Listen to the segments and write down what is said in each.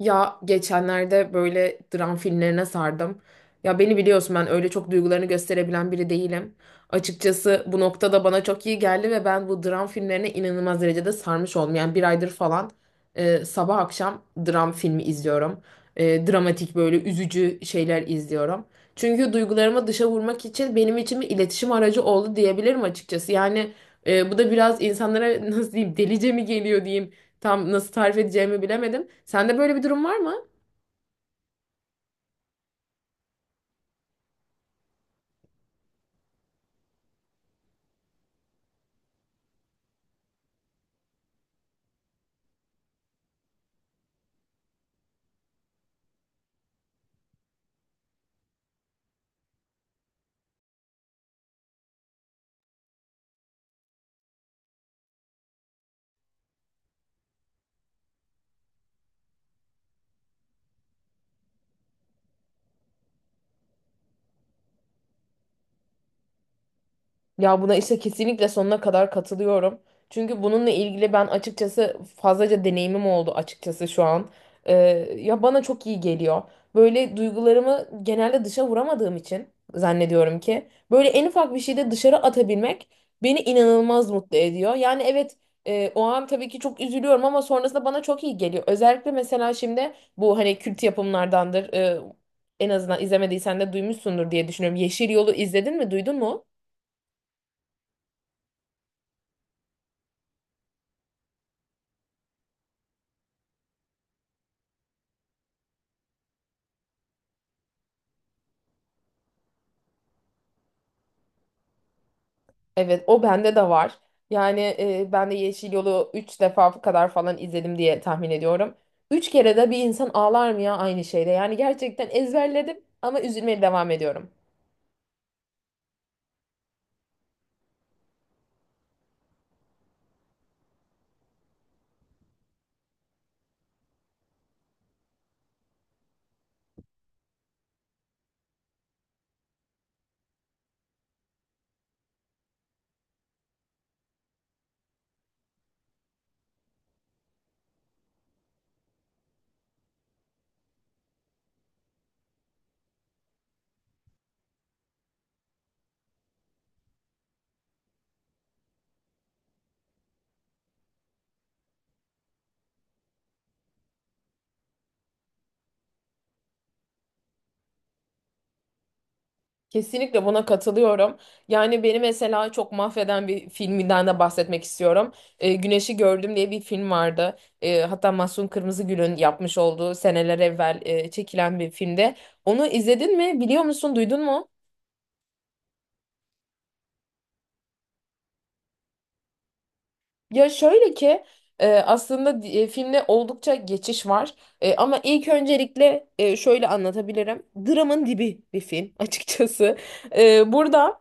Ya geçenlerde böyle dram filmlerine sardım. Ya beni biliyorsun, ben öyle çok duygularını gösterebilen biri değilim. Açıkçası bu noktada bana çok iyi geldi ve ben bu dram filmlerine inanılmaz derecede sarmış oldum. Yani bir aydır falan sabah akşam dram filmi izliyorum. Dramatik böyle üzücü şeyler izliyorum. Çünkü duygularımı dışa vurmak için benim için bir iletişim aracı oldu diyebilirim açıkçası. Yani bu da biraz insanlara nasıl diyeyim, delice mi geliyor diyeyim. Tam nasıl tarif edeceğimi bilemedim. Sende böyle bir durum var mı? Ya, buna işte kesinlikle sonuna kadar katılıyorum. Çünkü bununla ilgili ben açıkçası fazlaca deneyimim oldu açıkçası şu an. Ee, Ya bana çok iyi geliyor. Böyle duygularımı genelde dışa vuramadığım için zannediyorum ki böyle en ufak bir şeyde dışarı atabilmek beni inanılmaz mutlu ediyor. Yani evet, o an tabii ki çok üzülüyorum ama sonrasında bana çok iyi geliyor. Özellikle mesela şimdi bu hani kült yapımlardandır. En azından izlemediysen de duymuşsundur diye düşünüyorum. Yeşil Yol'u izledin mi, duydun mu? Evet, o bende de var. Yani ben de Yeşil Yol'u üç defa kadar falan izledim diye tahmin ediyorum. Üç kere de bir insan ağlar mı ya aynı şeyde? Yani gerçekten ezberledim ama üzülmeye devam ediyorum. Kesinlikle buna katılıyorum. Yani beni mesela çok mahveden bir filminden de bahsetmek istiyorum. Güneşi Gördüm diye bir film vardı. E, hatta Mahsun Kırmızıgül'ün yapmış olduğu seneler evvel çekilen bir filmde. Onu izledin mi? Biliyor musun? Duydun mu? Ya şöyle ki, filmde oldukça geçiş var. Ama ilk öncelikle şöyle anlatabilirim. Dramın dibi bir film açıkçası. E, burada.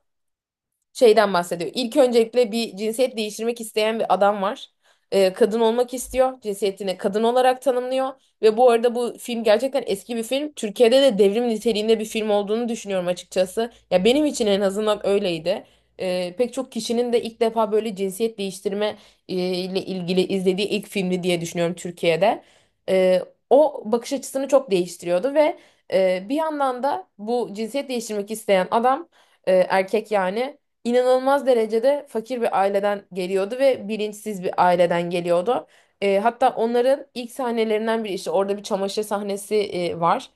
Şeyden bahsediyor. İlk öncelikle bir cinsiyet değiştirmek isteyen bir adam var. Kadın olmak istiyor. Cinsiyetini kadın olarak tanımlıyor. Ve bu arada bu film gerçekten eski bir film. Türkiye'de de devrim niteliğinde bir film olduğunu düşünüyorum açıkçası. Ya benim için en azından öyleydi. Pek çok kişinin de ilk defa böyle cinsiyet değiştirme ile ilgili izlediği ilk filmi diye düşünüyorum Türkiye'de. Ee, O bakış açısını çok değiştiriyordu ve bir yandan da bu cinsiyet değiştirmek isteyen adam, erkek yani, inanılmaz derecede fakir bir aileden geliyordu ve bilinçsiz bir aileden geliyordu. Hatta onların ilk sahnelerinden biri işte orada bir çamaşır sahnesi var.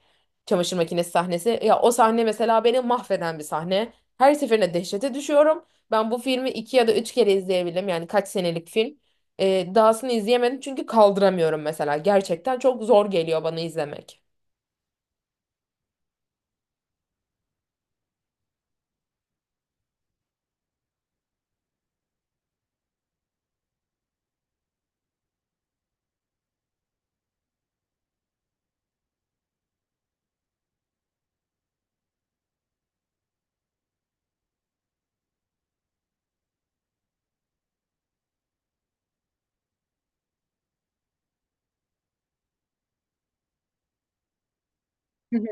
Çamaşır makinesi sahnesi. Ya o sahne mesela beni mahveden bir sahne. Her seferinde dehşete düşüyorum. Ben bu filmi iki ya da üç kere izleyebildim. Yani kaç senelik film. Dahasını izleyemedim çünkü kaldıramıyorum mesela. Gerçekten çok zor geliyor bana izlemek. Hı hı.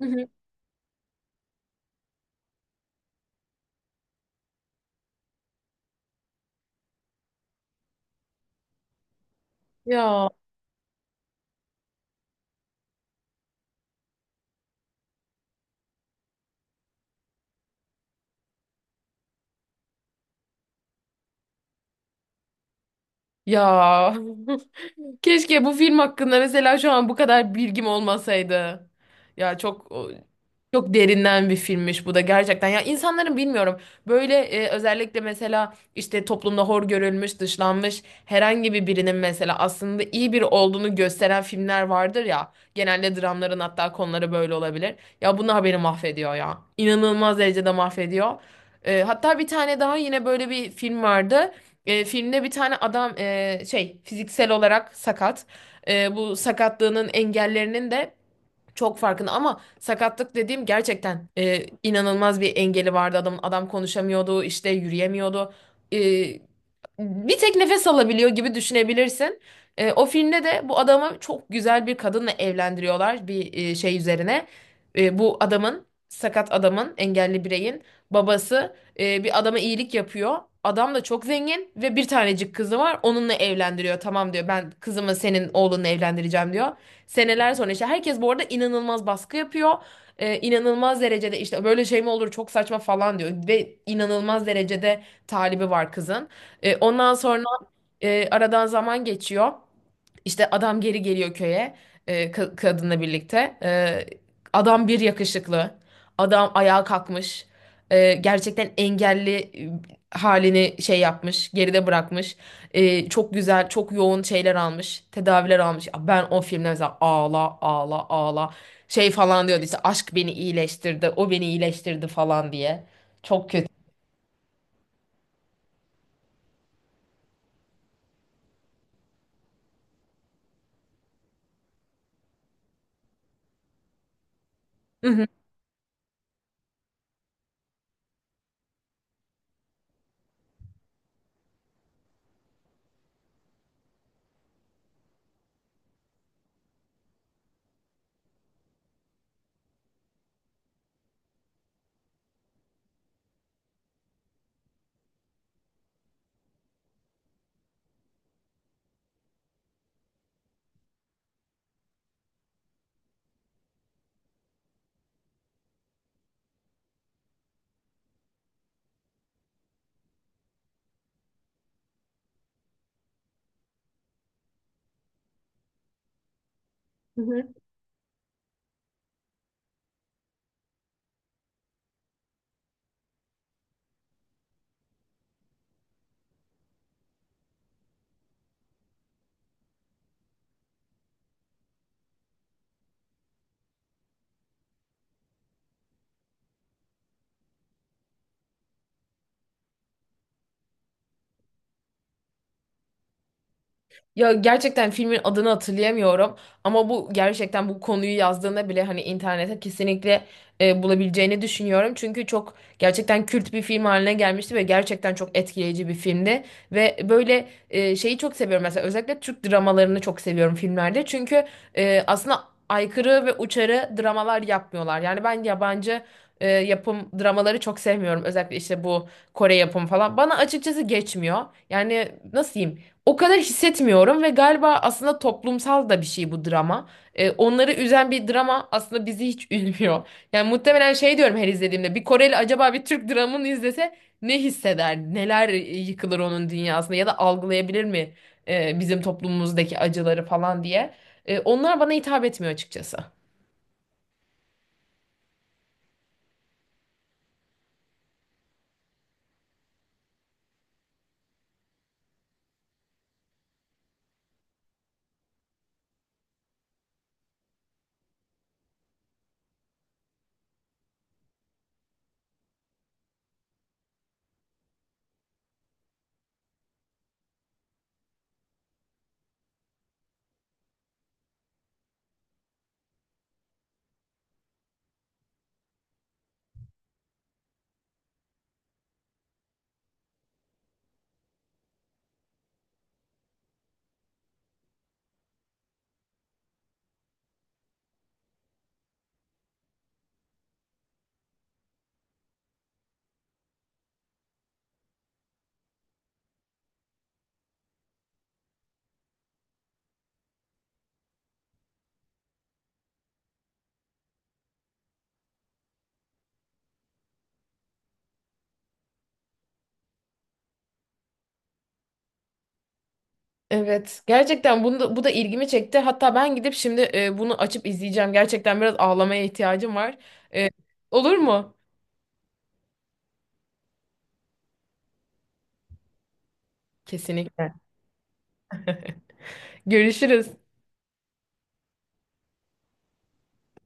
Hı hı. Ya. Ya. Keşke bu film hakkında mesela şu an bu kadar bilgim olmasaydı. Ya çok derinden bir filmmiş bu da gerçekten. Ya insanların bilmiyorum, böyle özellikle mesela işte toplumda hor görülmüş, dışlanmış herhangi bir birinin mesela aslında iyi biri olduğunu gösteren filmler vardır ya. Genelde dramların hatta konuları böyle olabilir. Ya bunlar beni mahvediyor ya. İnanılmaz derecede mahvediyor. Hatta bir tane daha yine böyle bir film vardı. Filmde bir tane adam şey, fiziksel olarak sakat. Bu sakatlığının engellerinin de çok farkında ama sakatlık dediğim gerçekten inanılmaz bir engeli vardı adamın. Adam konuşamıyordu, işte yürüyemiyordu. E, Bir tek nefes alabiliyor gibi düşünebilirsin. O filmde de bu adamı çok güzel bir kadınla evlendiriyorlar bir şey üzerine. Bu adamın, sakat adamın, engelli bireyin babası bir adama iyilik yapıyor. Adam da çok zengin ve bir tanecik kızı var. Onunla evlendiriyor. Tamam diyor, ben kızımı senin oğlunla evlendireceğim diyor. Seneler sonra işte herkes bu arada inanılmaz baskı yapıyor. İnanılmaz derecede işte böyle şey mi olur, çok saçma falan diyor. Ve inanılmaz derecede talibi var kızın. Ondan sonra aradan zaman geçiyor. İşte adam geri geliyor köye, kadınla birlikte. Adam bir yakışıklı. Adam ayağa kalkmış. Gerçekten engelli halini şey yapmış, geride bırakmış. Çok güzel, çok yoğun şeyler almış, tedaviler almış. Ya ben o filmde mesela ağla, ağla, ağla, şey falan diyordu işte, aşk beni iyileştirdi, o beni iyileştirdi falan diye. Çok kötü. Hı hı. Ya gerçekten filmin adını hatırlayamıyorum ama bu gerçekten, bu konuyu yazdığında bile hani internete kesinlikle bulabileceğini düşünüyorum. Çünkü çok, gerçekten kült bir film haline gelmişti ve gerçekten çok etkileyici bir filmdi. Ve böyle şeyi çok seviyorum mesela, özellikle Türk dramalarını çok seviyorum filmlerde. Çünkü aslında aykırı ve uçarı dramalar yapmıyorlar. Yani ben yabancı yapım dramaları çok sevmiyorum. Özellikle işte bu Kore yapımı falan. Bana açıkçası geçmiyor. Yani nasıl diyeyim? O kadar hissetmiyorum ve galiba aslında toplumsal da bir şey bu drama. Onları üzen bir drama aslında bizi hiç üzmüyor. Yani muhtemelen şey diyorum her izlediğimde, bir Koreli acaba bir Türk dramını izlese ne hisseder? Neler yıkılır onun dünyasında ya da algılayabilir mi bizim toplumumuzdaki acıları falan diye. Onlar bana hitap etmiyor açıkçası. Evet, gerçekten bunu da, bu da ilgimi çekti. Hatta ben gidip şimdi bunu açıp izleyeceğim. Gerçekten biraz ağlamaya ihtiyacım var. E, olur mu? Kesinlikle. Görüşürüz.